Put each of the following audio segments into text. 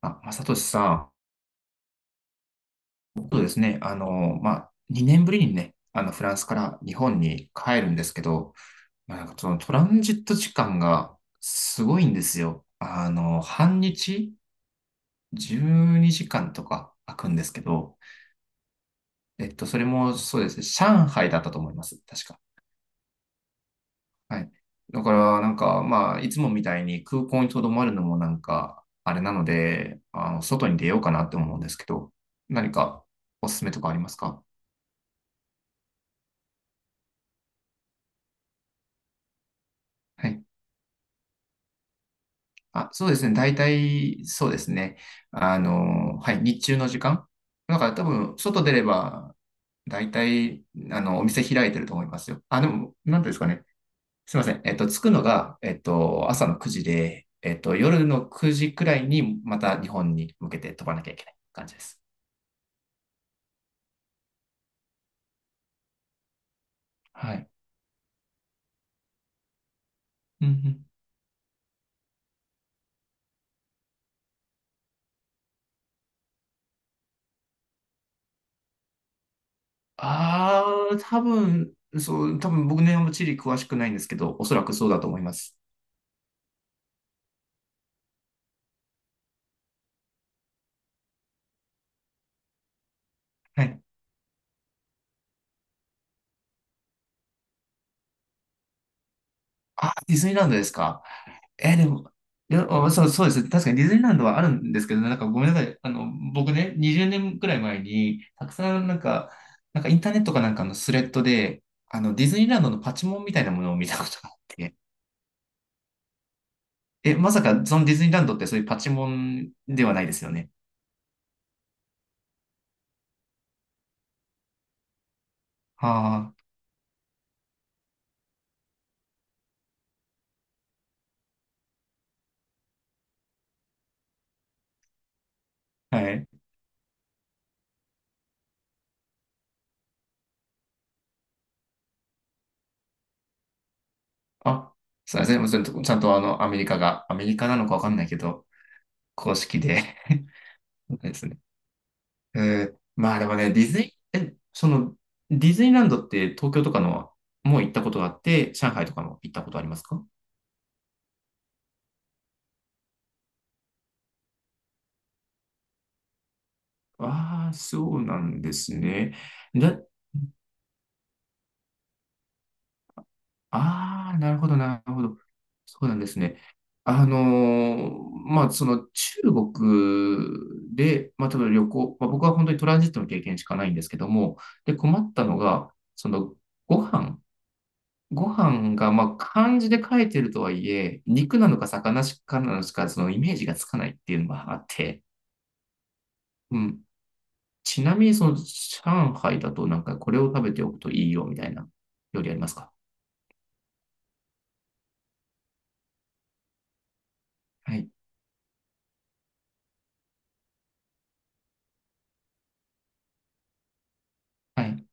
あ、正俊さん、そうですね、まあ、2年ぶりにね、フランスから日本に帰るんですけど、まあ、そのトランジット時間がすごいんですよ。あの、半日12時間とか空くんですけど、それもそうですね、上海だったと思います、確か。はい。だから、なんか、まあ、いつもみたいに空港に留まるのもなんか、あれなので、あの、外に出ようかなって思うんですけど、何かおすすめとかありますか？はい。あ、そうですね。大体、そうですね。あの、はい、日中の時間。だから多分、外出れば、大体、あの、お店開いてると思いますよ。あ、でも、なんていうんですかね。すいません。着くのが、朝の9時で、夜の9時くらいに、また日本に向けて飛ばなきゃいけない感じです。はい。うんうん。ああ、多分、そう、多分僕ね、チリ詳しくないんですけど、おそらくそうだと思います。はい。あ、ディズニーランドですか。え、でも、いや、あ、そう、そうですね。確かにディズニーランドはあるんですけどね、なんかごめんなさい。あの、僕ね、20年くらい前に、たくさんなんか、なんかインターネットかなんかのスレッドで、あの、ディズニーランドのパチモンみたいなものを見たことがあって、え、まさかそのディズニーランドってそういうパチモンではないですよね。はあ、はい。あ、すいません。もちょんとちゃんとあの、アメリカが、アメリカなのかわかんないけど、公式で そうですね。えー、まあでもね、ディズニー、え、その、ディズニーランドって東京とかのもう行ったことがあって、上海とかも行ったことありますか？ああー、そうなんですね。だ、ああ、なるほど、なるほど。そうなんですね。あのー、まあ、その中国で、まあ、例えば旅行、まあ、僕は本当にトランジットの経験しかないんですけども、で、困ったのが、その、ご飯、ご飯が、まあ、漢字で書いてるとはいえ、肉なのか魚かなのか、そのイメージがつかないっていうのがあって、うん。ちなみに、その、上海だとなんか、これを食べておくといいよ、みたいな料理ありますか？はい、はい、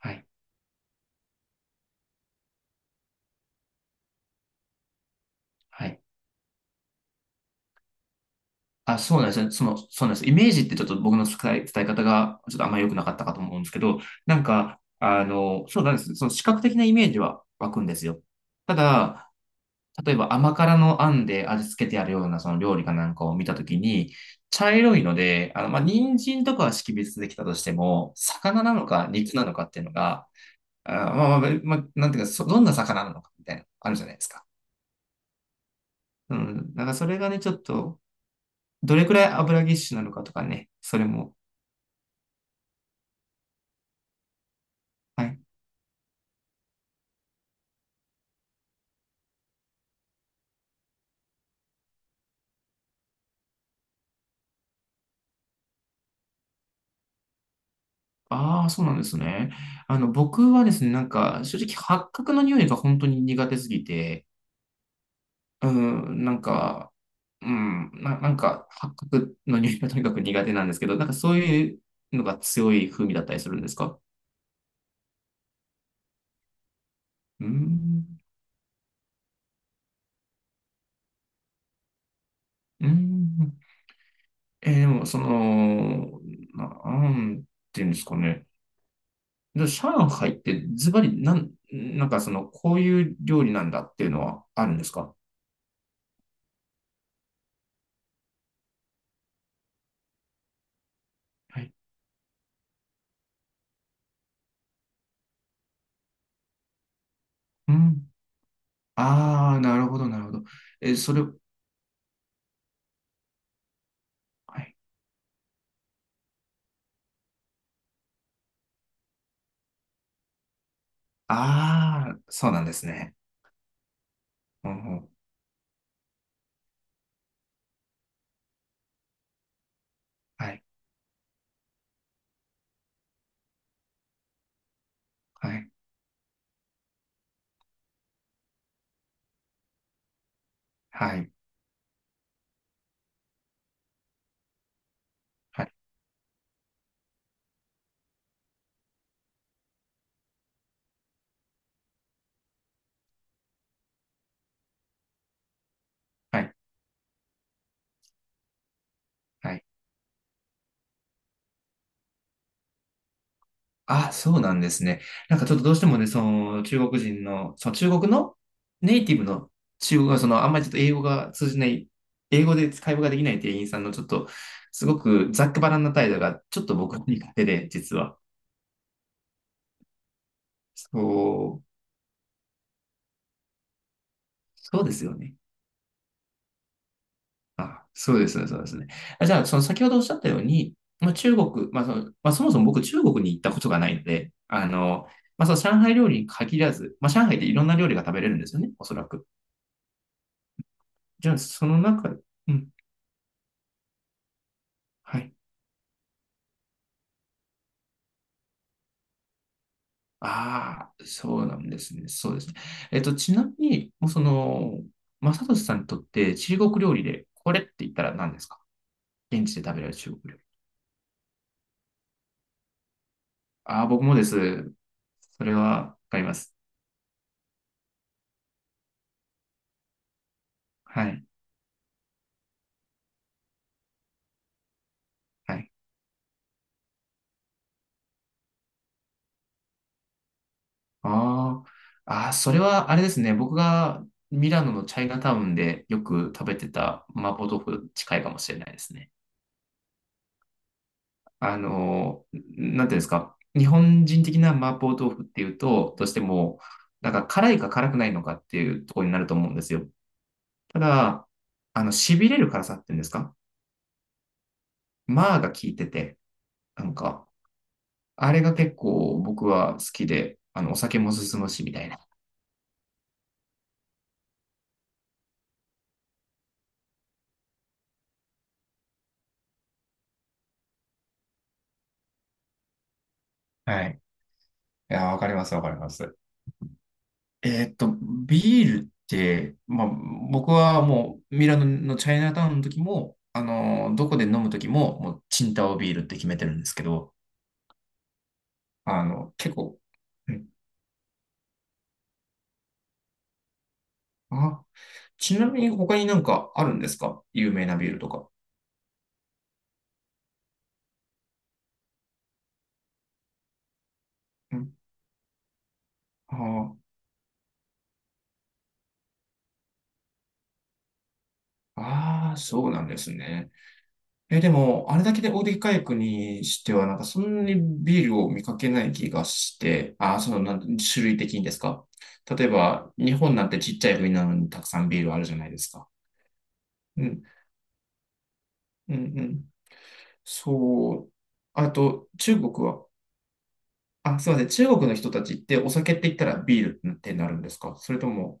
はい、はい。あ、そうなんですね。その、そうなんです。イメージってちょっと僕の伝え、伝え方が、ちょっとあんまり良くなかったかと思うんですけど、なんか、あの、そうなんです。その視覚的なイメージは湧くんですよ。ただ、例えば甘辛のあんで味付けてあるようなその料理かなんかを見たときに、茶色いので、あの、まあ、人参とかは識別できたとしても、魚なのか肉なのかっていうのが、あー、まあまあ、まあ、なんていうか、そどんな魚なのかみたいな、あるじゃないですか。うん。だからそれがね、ちょっと、どれくらい油ぎっしゅなのかとかね、それも。はい。ああ、そうなんですね。あの、僕はですね、なんか、正直、八角の匂いが本当に苦手すぎて、うん、なんか、うん、な、なんか、八角の匂いが とにかく苦手なんですけど、なんかそういうのが強い風味だったりするんですか？うーん、うーん。えー、でも、その、なんていうんですかね。で上海ってズバリ、なん、なんかその、こういう料理なんだっていうのはあるんですか？はい。うん。ああ、なるほど、なるほど。えーそれ、はい。ああ、そうなんですね。うんうん、はい、はい、はい、はい、はい。はい、あ、そうなんですね。なんかちょっとどうしてもね、その中国人の、その中国のネイティブの中国が、そのあんまりちょっと英語が通じない、英語で会話ができない店員さんのちょっと、すごくざっくばらんな態度が、ちょっと僕に勝手で、実は。そう、そうですよね。あ、そうですね、そうですね。あ、じゃあ、その先ほどおっしゃったように、まあ、中国、まあその、まあ、そもそも僕中国に行ったことがないので、あの、まあ、その上海料理に限らず、まあ、上海っていろんな料理が食べれるんですよね、おそらく。じゃあ、その中、うん、はい。ああ、そうなんですね。そうですね。えっと、ちなみに、もうその、正俊さんにとって中国料理で、これって言ったら何ですか？現地で食べられる中国料理。ああ、僕もです。それは、わかります。はい。はい。ああ、ああ、それは、あれですね。僕がミラノのチャイナタウンでよく食べてた麻婆豆腐近いかもしれないですね。あの、なんていうんですか、日本人的な麻婆豆腐っていうと、どうしても、なんか辛いか辛くないのかっていうところになると思うんですよ。ただ、あの、痺れる辛さっていうんですか、麻が効いてて、なんか、あれが結構僕は好きで、あの、お酒も進むし、みたいな。はい。いや、わかります、わかります。えーっと、ビールって、まあ、僕はもうミラノのチャイナタウンの時も、あの、どこで飲む時も、もうチンタオビールって決めてるんですけど、あの、結構、うん、あ、ちなみに他になんかあるんですか？有名なビールとか。うん、ああー、そうなんですね。え、でも、あれだけで大手回復にしては、なんかそんなにビールを見かけない気がして、ああ、その、なんて種類的にですか？例えば、日本なんてちっちゃい国なのにたくさんビールあるじゃないですか。うん、うん、うん。そう。あと、中国は、あ、すいません。中国の人たちってお酒って言ったらビールってなるんですか？それとも、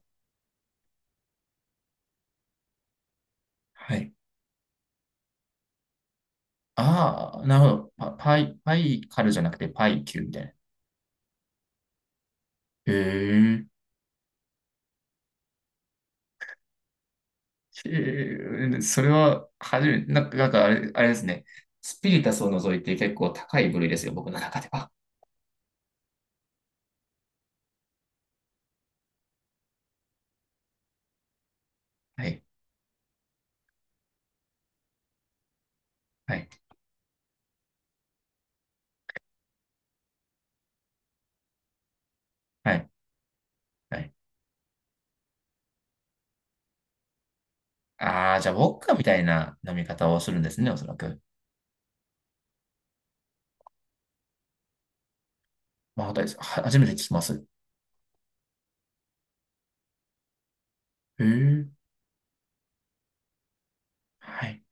はい。ああ、なるほど。パ、パイ、パイカルじゃなくてパイキューみたいな。へえ。へえ、それは、初めて、なんか、なんかあれ、あれですね。スピリタスを除いて結構高い部類ですよ、僕の中では。はい。はい。はい。はい。ああ、じゃあ、ウォッカみたいな飲み方をするんですね、おそらく。まあ、です。は初めて聞きます。へえ。はい。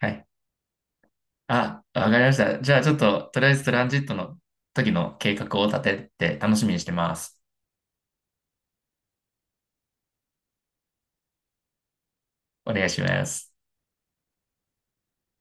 はい。あ、わかりました。じゃあ、ちょっと、とりあえずトランジットの時の計画を立てて楽しみにしてます。お願いします。